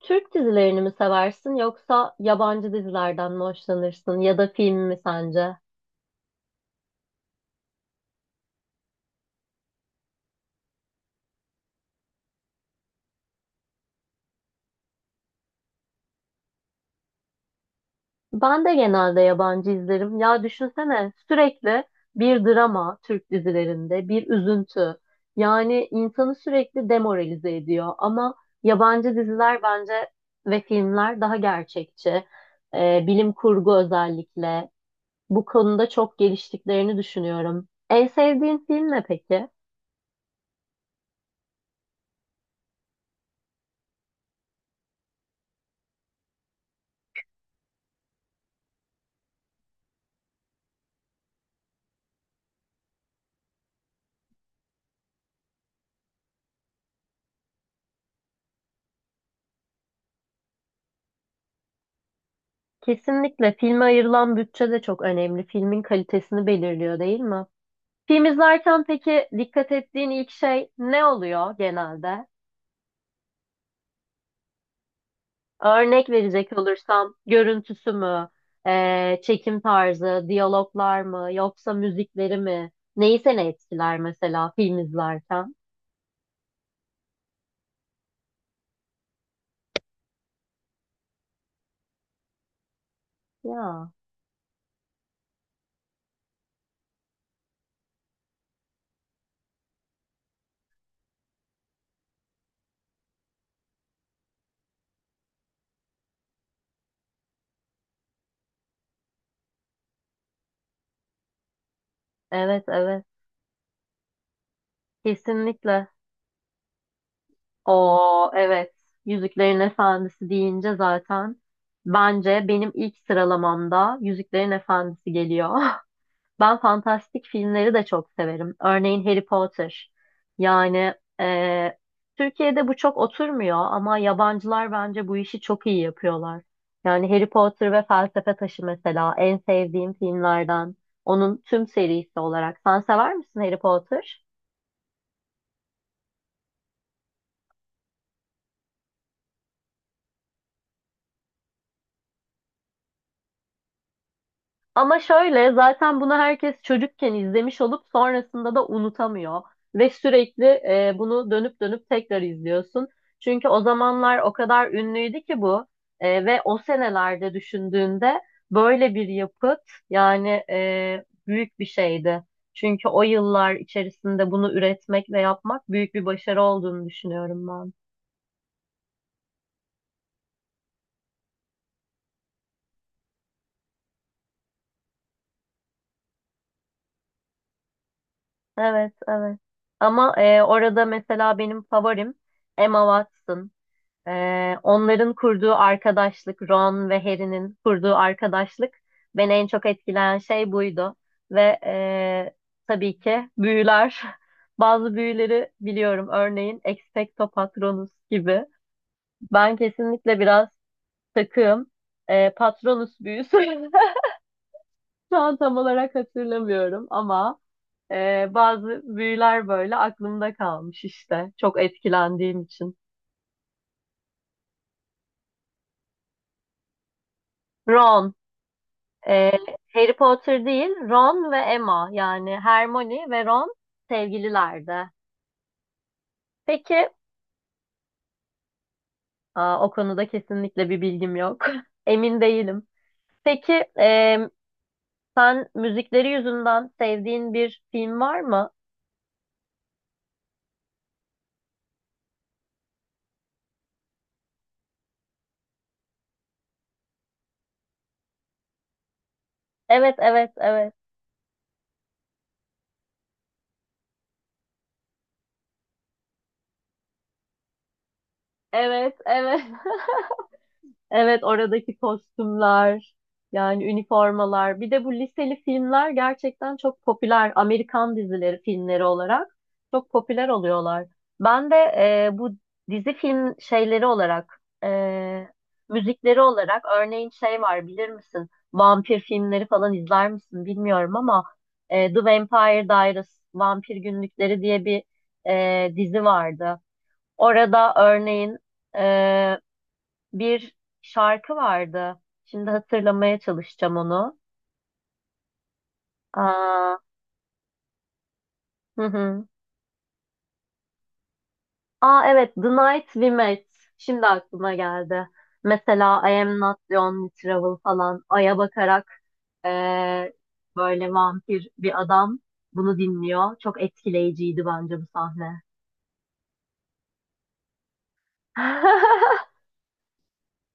Türk dizilerini mi seversin yoksa yabancı dizilerden mi hoşlanırsın ya da film mi sence? Ben de genelde yabancı izlerim. Ya düşünsene sürekli bir drama Türk dizilerinde, bir üzüntü. Yani insanı sürekli demoralize ediyor ama yabancı diziler bence ve filmler daha gerçekçi. Bilim kurgu özellikle bu konuda çok geliştiklerini düşünüyorum. En sevdiğin film ne peki? Kesinlikle filme ayrılan bütçe de çok önemli. Filmin kalitesini belirliyor değil mi? Film izlerken peki dikkat ettiğin ilk şey ne oluyor genelde? Örnek verecek olursam görüntüsü mü, çekim tarzı, diyaloglar mı, yoksa müzikleri mi? Neyi seni etkiler mesela film izlerken? Ya, evet, evet, kesinlikle. O, evet. Yüzüklerin Efendisi deyince zaten bence benim ilk sıralamamda Yüzüklerin Efendisi geliyor. Ben fantastik filmleri de çok severim. Örneğin Harry Potter. Yani e, Türkiye'de bu çok oturmuyor ama yabancılar bence bu işi çok iyi yapıyorlar. Yani Harry Potter ve Felsefe Taşı mesela en sevdiğim filmlerden. Onun tüm serisi olarak. Sen sever misin Harry Potter? Ama şöyle zaten bunu herkes çocukken izlemiş olup sonrasında da unutamıyor. Ve sürekli bunu dönüp dönüp tekrar izliyorsun. Çünkü o zamanlar o kadar ünlüydü ki bu. Ve o senelerde düşündüğünde böyle bir yapıt yani büyük bir şeydi. Çünkü o yıllar içerisinde bunu üretmek ve yapmak büyük bir başarı olduğunu düşünüyorum ben. Evet, evet. Ama orada mesela benim favorim Emma Watson. Onların kurduğu arkadaşlık, Ron ve Harry'nin kurduğu arkadaşlık beni en çok etkileyen şey buydu. Ve tabii ki büyüler. Bazı büyüleri biliyorum. Örneğin Expecto Patronus gibi. Ben kesinlikle biraz takığım. Patronus büyüsü. Şu an tam olarak hatırlamıyorum ama bazı büyüler böyle aklımda kalmış işte. Çok etkilendiğim için. Ron. Ee, Harry Potter değil, Ron ve Emma yani Hermione ve Ron sevgililerdi. Peki, aa, o konuda kesinlikle bir bilgim yok. Emin değilim. Peki, sen müzikleri yüzünden sevdiğin bir film var mı? Evet, evet, evet. Evet, evet. Evet oradaki kostümler yani üniformalar bir de bu liseli filmler gerçekten çok popüler Amerikan dizileri filmleri olarak çok popüler oluyorlar. Ben de bu dizi film şeyleri olarak müzikleri olarak örneğin şey var bilir misin? Vampir filmleri falan izler misin bilmiyorum ama The Vampire Diaries Vampir Günlükleri diye bir dizi vardı. Orada örneğin e, bir şarkı vardı. Şimdi hatırlamaya çalışacağım onu. Aa, hı hı. Aa, evet, The Night We Met. Şimdi aklıma geldi. Mesela I Am Not The Only Travel falan. Ay'a bakarak eee, böyle vampir bir adam bunu dinliyor. Çok etkileyiciydi bence bu sahne.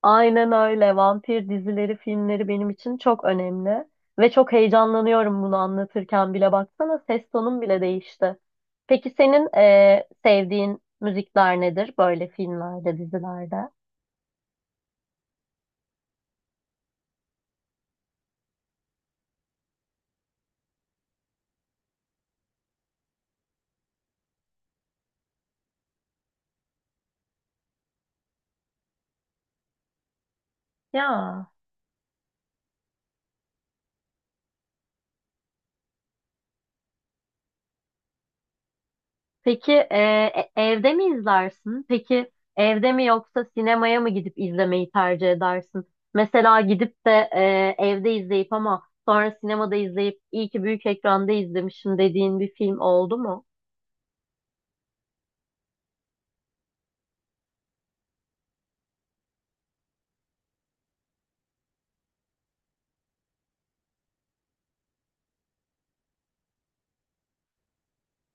Aynen öyle. Vampir dizileri, filmleri benim için çok önemli. Ve çok heyecanlanıyorum bunu anlatırken bile. Baksana ses tonum bile değişti. Peki senin sevdiğin müzikler nedir böyle filmlerde, dizilerde? Ya. Peki evde mi izlersin? Peki evde mi yoksa sinemaya mı gidip izlemeyi tercih edersin? Mesela gidip de evde izleyip ama sonra sinemada izleyip iyi ki büyük ekranda izlemişim dediğin bir film oldu mu?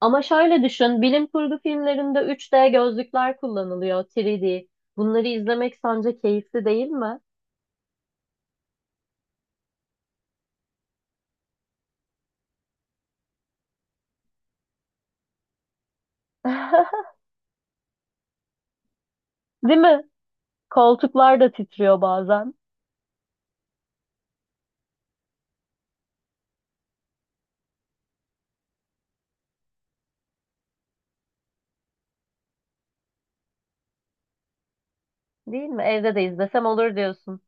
Ama şöyle düşün, bilim kurgu filmlerinde 3D gözlükler kullanılıyor, 3D. Bunları izlemek sence keyifli değil mi? Değil mi? Koltuklar da titriyor bazen. Değil mi? Evde de izlesem olur diyorsun.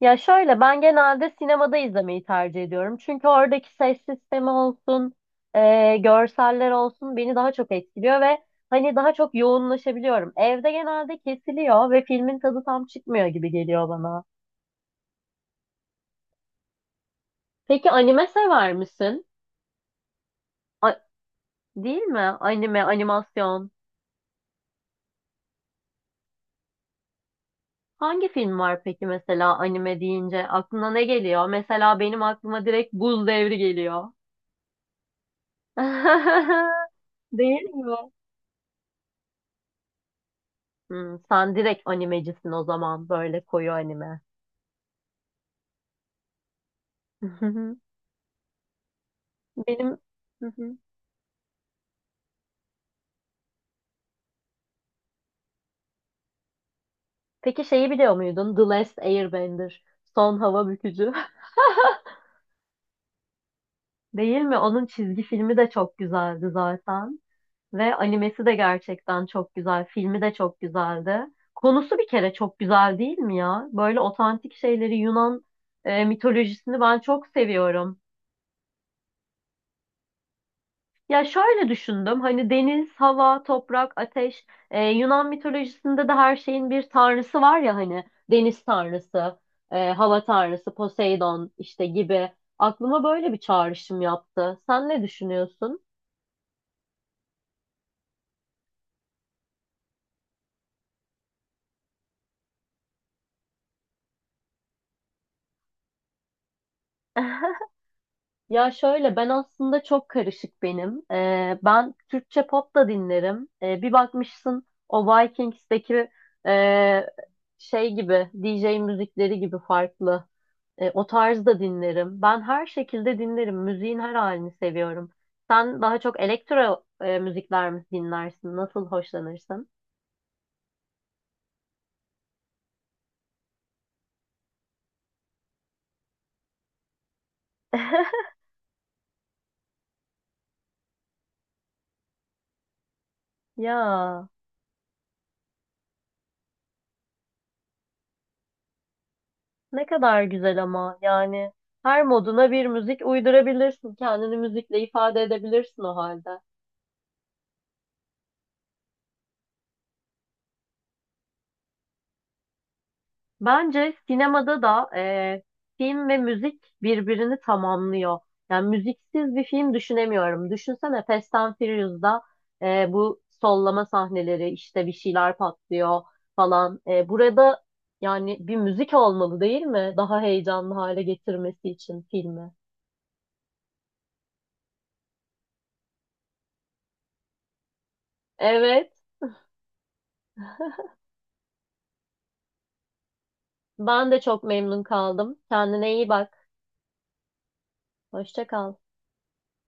Ya şöyle ben genelde sinemada izlemeyi tercih ediyorum. Çünkü oradaki ses sistemi olsun, görseller olsun beni daha çok etkiliyor ve hani daha çok yoğunlaşabiliyorum. Evde genelde kesiliyor ve filmin tadı tam çıkmıyor gibi geliyor bana. Peki anime sever misin? A- Değil mi? Anime, animasyon. Hangi film var peki mesela anime deyince? Aklına ne geliyor? Mesela benim aklıma direkt Buz Devri geliyor. Değil mi? Hmm, sen direkt animecisin o zaman böyle koyu anime. Benim. Hı hı. Peki şeyi biliyor muydun? The Last Airbender. Son hava bükücü. Değil mi? Onun çizgi filmi de çok güzeldi zaten. Ve animesi de gerçekten çok güzel. Filmi de çok güzeldi. Konusu bir kere çok güzel değil mi ya? Böyle otantik şeyleri Yunan mitolojisini ben çok seviyorum. Ya şöyle düşündüm. Hani deniz, hava, toprak, ateş. Yunan mitolojisinde de her şeyin bir tanrısı var ya hani. Deniz tanrısı, hava tanrısı, Poseidon işte gibi. Aklıma böyle bir çağrışım yaptı. Sen ne düşünüyorsun? Ya şöyle ben aslında çok karışık benim. Ben Türkçe pop da dinlerim. Bir bakmışsın o Vikings'teki e, şey gibi DJ müzikleri gibi farklı. O tarz da dinlerim. Ben her şekilde dinlerim. Müziğin her halini seviyorum. Sen daha çok elektro müzikler mi dinlersin? Nasıl hoşlanırsın? Ya ne kadar güzel ama yani her moduna bir müzik uydurabilirsin. Kendini müzikle ifade edebilirsin o halde. Bence sinemada da film ve müzik birbirini tamamlıyor. Yani müziksiz bir film düşünemiyorum. Düşünsene Fast and Furious'da bu sollama sahneleri işte bir şeyler patlıyor falan. Burada yani bir müzik olmalı değil mi? Daha heyecanlı hale getirmesi için filmi. Evet, ben de çok memnun kaldım. Kendine iyi bak. Hoşça kal.